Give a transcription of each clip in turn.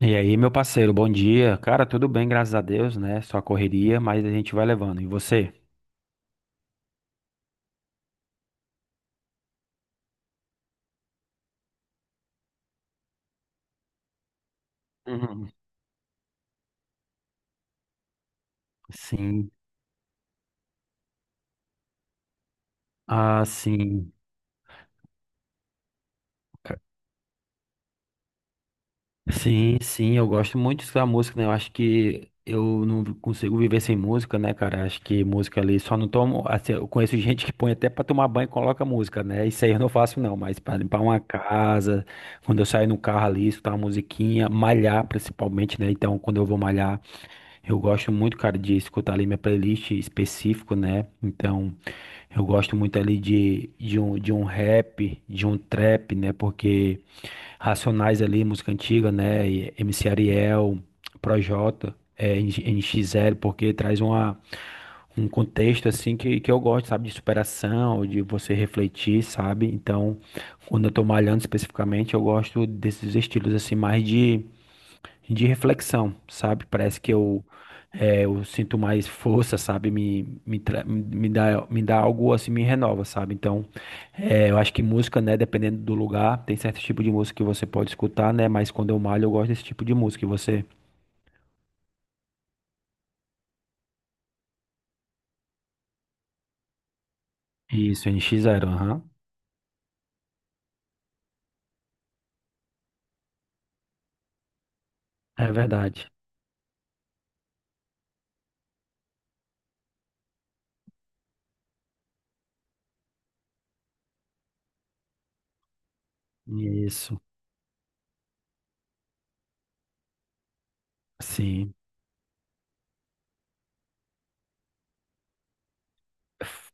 E aí, meu parceiro, bom dia. Cara, tudo bem, graças a Deus, né? Só correria, mas a gente vai levando. E você? Uhum. Sim. Ah, sim. Ca- Sim, sim, eu gosto muito da música, né? Eu acho que eu não consigo viver sem música, né, cara? Acho que música ali só não tomo. Assim, eu conheço gente que põe até pra tomar banho e coloca música, né? Isso aí eu não faço, não, mas pra limpar uma casa, quando eu saio no carro ali, escutar uma musiquinha, malhar principalmente, né? Então, quando eu vou malhar. Eu gosto muito, cara, de escutar ali minha playlist específico, né? Então, eu gosto muito ali de um rap, de um trap, né? Porque Racionais ali, música antiga, né? E MC Ariel, Projota, NX Zero, porque traz um contexto, assim, que eu gosto, sabe? De superação, de você refletir, sabe? Então, quando eu tô malhando especificamente, eu gosto desses estilos, assim, mais de reflexão, sabe? Parece que eu sinto mais força, sabe? Me dá algo assim, me renova, sabe? Então, eu acho que música, né? Dependendo do lugar, tem certo tipo de música que você pode escutar, né? Mas quando eu malho, eu gosto desse tipo de música. E você? Isso, NX Zero, aham. É verdade. Isso, sim. F-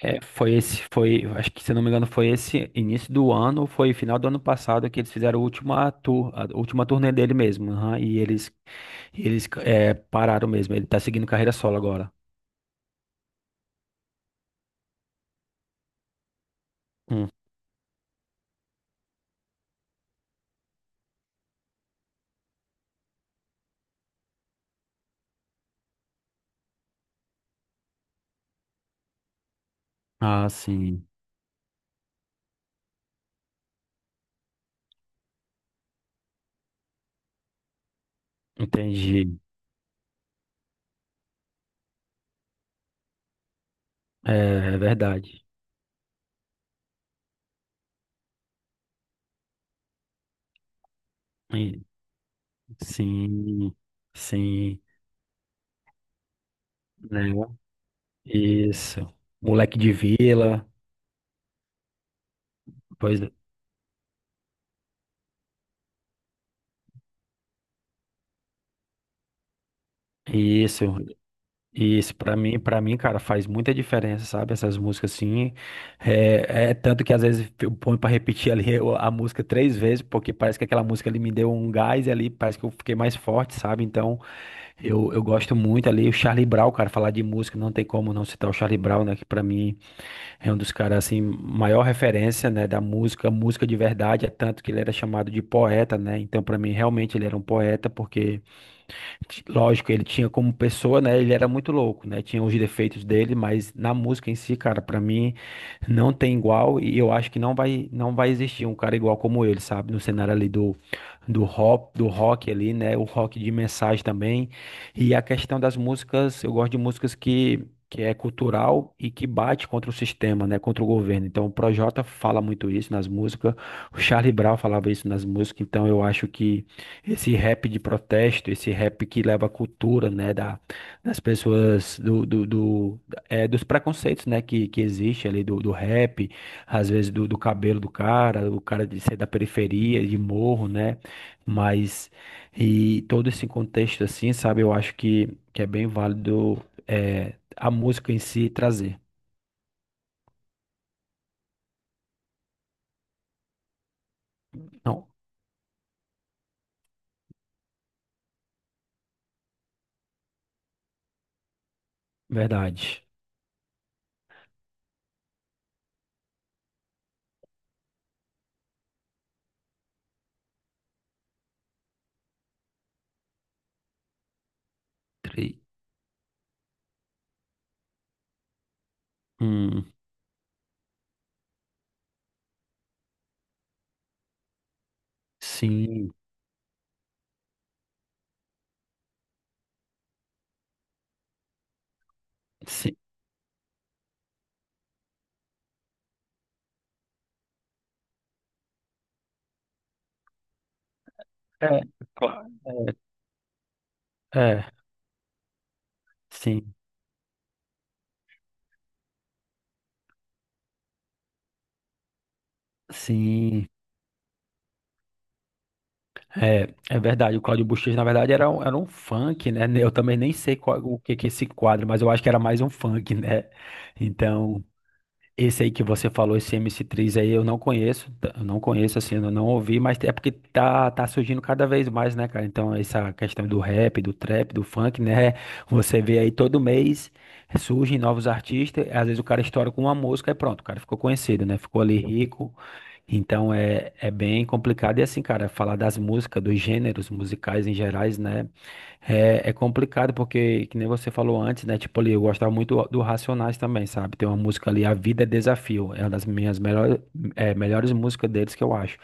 É, acho que se eu não me engano, foi esse início do ano, foi final do ano passado que eles fizeram a última tour, a última turnê dele mesmo, aham, e eles. Eles pararam mesmo. Ele tá seguindo carreira solo agora. Hum. Ah, sim. Entendi. É, é, verdade. E- Sim, sim, né? Isso. Moleque de vila. Pois é. Isso, isso. Para mim, cara, faz muita diferença, sabe? Essas músicas assim. É tanto que às vezes eu ponho pra repetir ali a música três vezes, porque parece que aquela música ali me deu um gás e ali parece que eu fiquei mais forte, sabe? Então. Eu gosto muito ali, o Charlie Brown, cara, falar de música, não tem como não citar o Charlie Brown, né, que pra mim é um dos caras, assim, maior referência, né, da música, música de verdade, é tanto que ele era chamado de poeta, né, então pra mim realmente ele era um poeta, porque lógico, ele tinha como pessoa, né? Ele era muito louco, né? Tinha os defeitos dele, mas na música em si, cara, pra mim não tem igual e eu acho que não vai existir um cara igual como ele, sabe? No cenário ali do rock ali, né? O rock de mensagem também. E a questão das músicas, eu gosto de músicas que é cultural e que bate contra o sistema, né? Contra o governo. Então, o Projota fala muito isso nas músicas, o Charlie Brown falava isso nas músicas, então eu acho que esse rap de protesto, esse rap que leva a cultura, né, das pessoas, dos preconceitos, né, que existe ali do rap, às vezes do cabelo do cara, o cara de ser da periferia, de morro, né, mas, e todo esse contexto assim, sabe, eu acho que, é bem válido a música em si trazer. Não, verdade. Tri- Hum, sim, sim. É, claro. É, sim. Sim. É, verdade, o Claudio Buchecha, na verdade, era um funk, né? Eu também nem sei o que que é esse quadro, mas eu acho que era mais um funk, né? Então, esse aí que você falou, esse MC3 aí, eu não conheço, eu não conheço, assim, eu não ouvi, mas é porque tá surgindo cada vez mais, né, cara? Então, essa questão do rap, do trap, do funk, né? Você vê aí todo mês surgem novos artistas, às vezes o cara estoura com uma música e pronto, o cara ficou conhecido, né? Ficou ali rico, então é bem complicado. E assim, cara, falar das músicas, dos gêneros musicais em gerais, né? É complicado porque, que nem você falou antes, né? Tipo ali, eu gostava muito do Racionais também, sabe? Tem uma música ali, A Vida é Desafio. É uma das minhas melhores músicas deles que eu acho.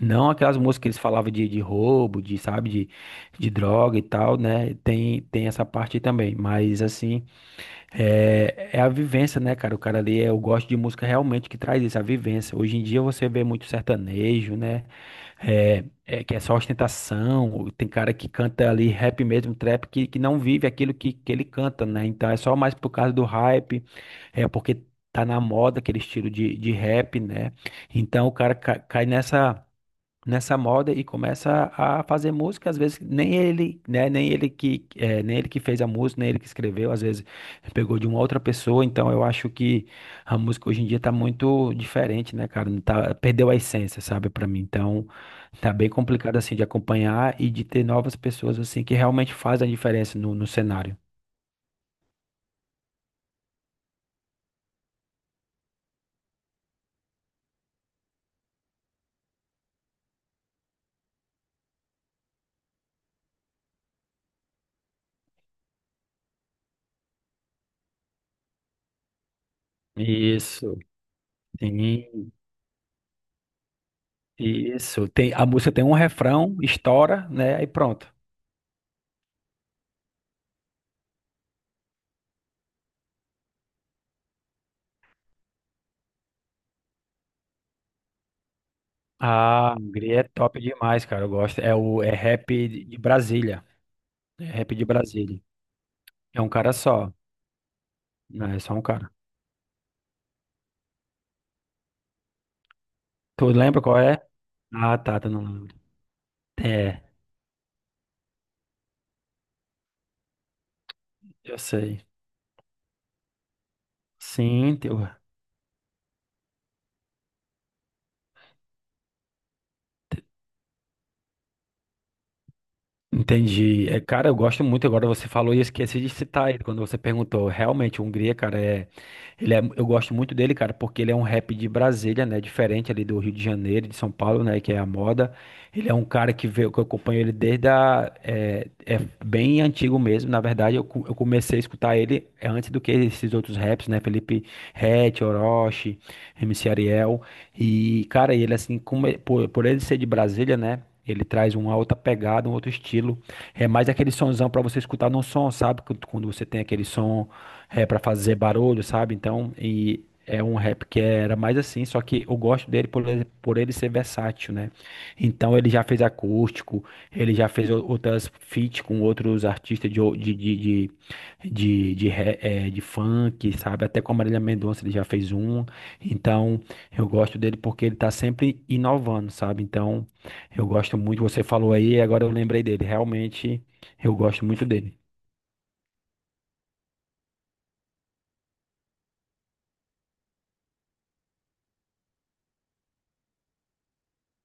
Não aquelas músicas que eles falavam de, roubo, de, sabe, de droga e tal, né? Tem essa parte também. Mas assim. É a vivência, né, cara? O cara ali, eu gosto de música realmente que traz isso, a vivência. Hoje em dia você vê muito sertanejo, né? É que é só ostentação. Tem cara que canta ali rap mesmo, trap, que não vive aquilo que ele canta, né? Então é só mais por causa do hype, é porque tá na moda aquele estilo de rap, né? Então o cara cai nessa moda e começa a fazer música, às vezes nem ele, né, nem ele que nem ele que fez a música, nem ele que escreveu, às vezes pegou de uma outra pessoa, então eu acho que a música hoje em dia tá muito diferente, né, cara, não tá, perdeu a essência, sabe, pra mim. Então, tá bem complicado assim de acompanhar e de ter novas pessoas assim que realmente fazem a diferença no cenário. Isso, sim, isso. A música tem um refrão, estoura, né, e pronto. Ah, Hungria é top demais, cara. Eu gosto. É o é rap de Brasília. É rap de Brasília. É um cara só. Não, é só um cara. Tu lembra qual é? Ah, tá, tu não lembra. É, eu sei. Sim, teu. Entendi. É, cara, eu gosto muito. Agora você falou e eu esqueci de citar ele quando você perguntou. Realmente, o Hungria, cara, eu gosto muito dele, cara, porque ele é um rap de Brasília, né? Diferente ali do Rio de Janeiro, e de São Paulo, né? Que é a moda. Ele é um cara que veio, que eu acompanho ele desde a, é bem antigo mesmo. Na verdade, eu comecei a escutar ele antes do que esses outros raps, né? Felipe Ret, Orochi, MC Ariel. E, cara, ele assim, como, por ele ser de Brasília, né? Ele traz uma outra pegada, um outro estilo. É mais aquele sonzão para você escutar no som, sabe? Quando você tem aquele som é para fazer barulho, sabe? Então, e é um rap que era mais assim, só que eu gosto dele por ele ser versátil, né? Então, ele já fez acústico, ele já fez outras feats com outros artistas de, de funk, sabe? Até com a Marília Mendonça ele já fez um. Então, eu gosto dele porque ele tá sempre inovando, sabe? Então, eu gosto muito, você falou aí, agora eu lembrei dele. Realmente, eu gosto muito dele.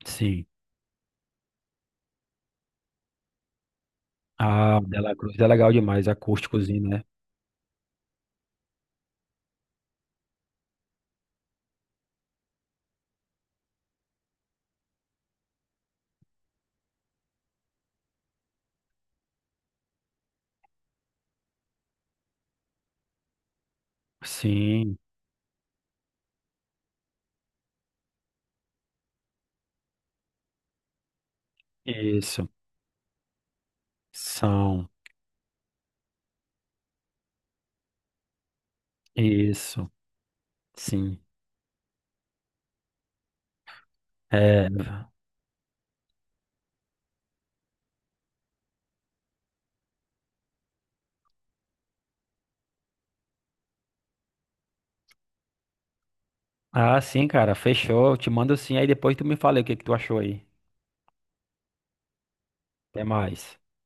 Sim. Ah, o De La Cruz é legal demais, acústicozinho, né? Sim, isso. São, isso, sim. É. Ah, sim, cara, fechou. Eu te mando sim, aí depois tu me fala aí o que que tu achou aí. Até mais.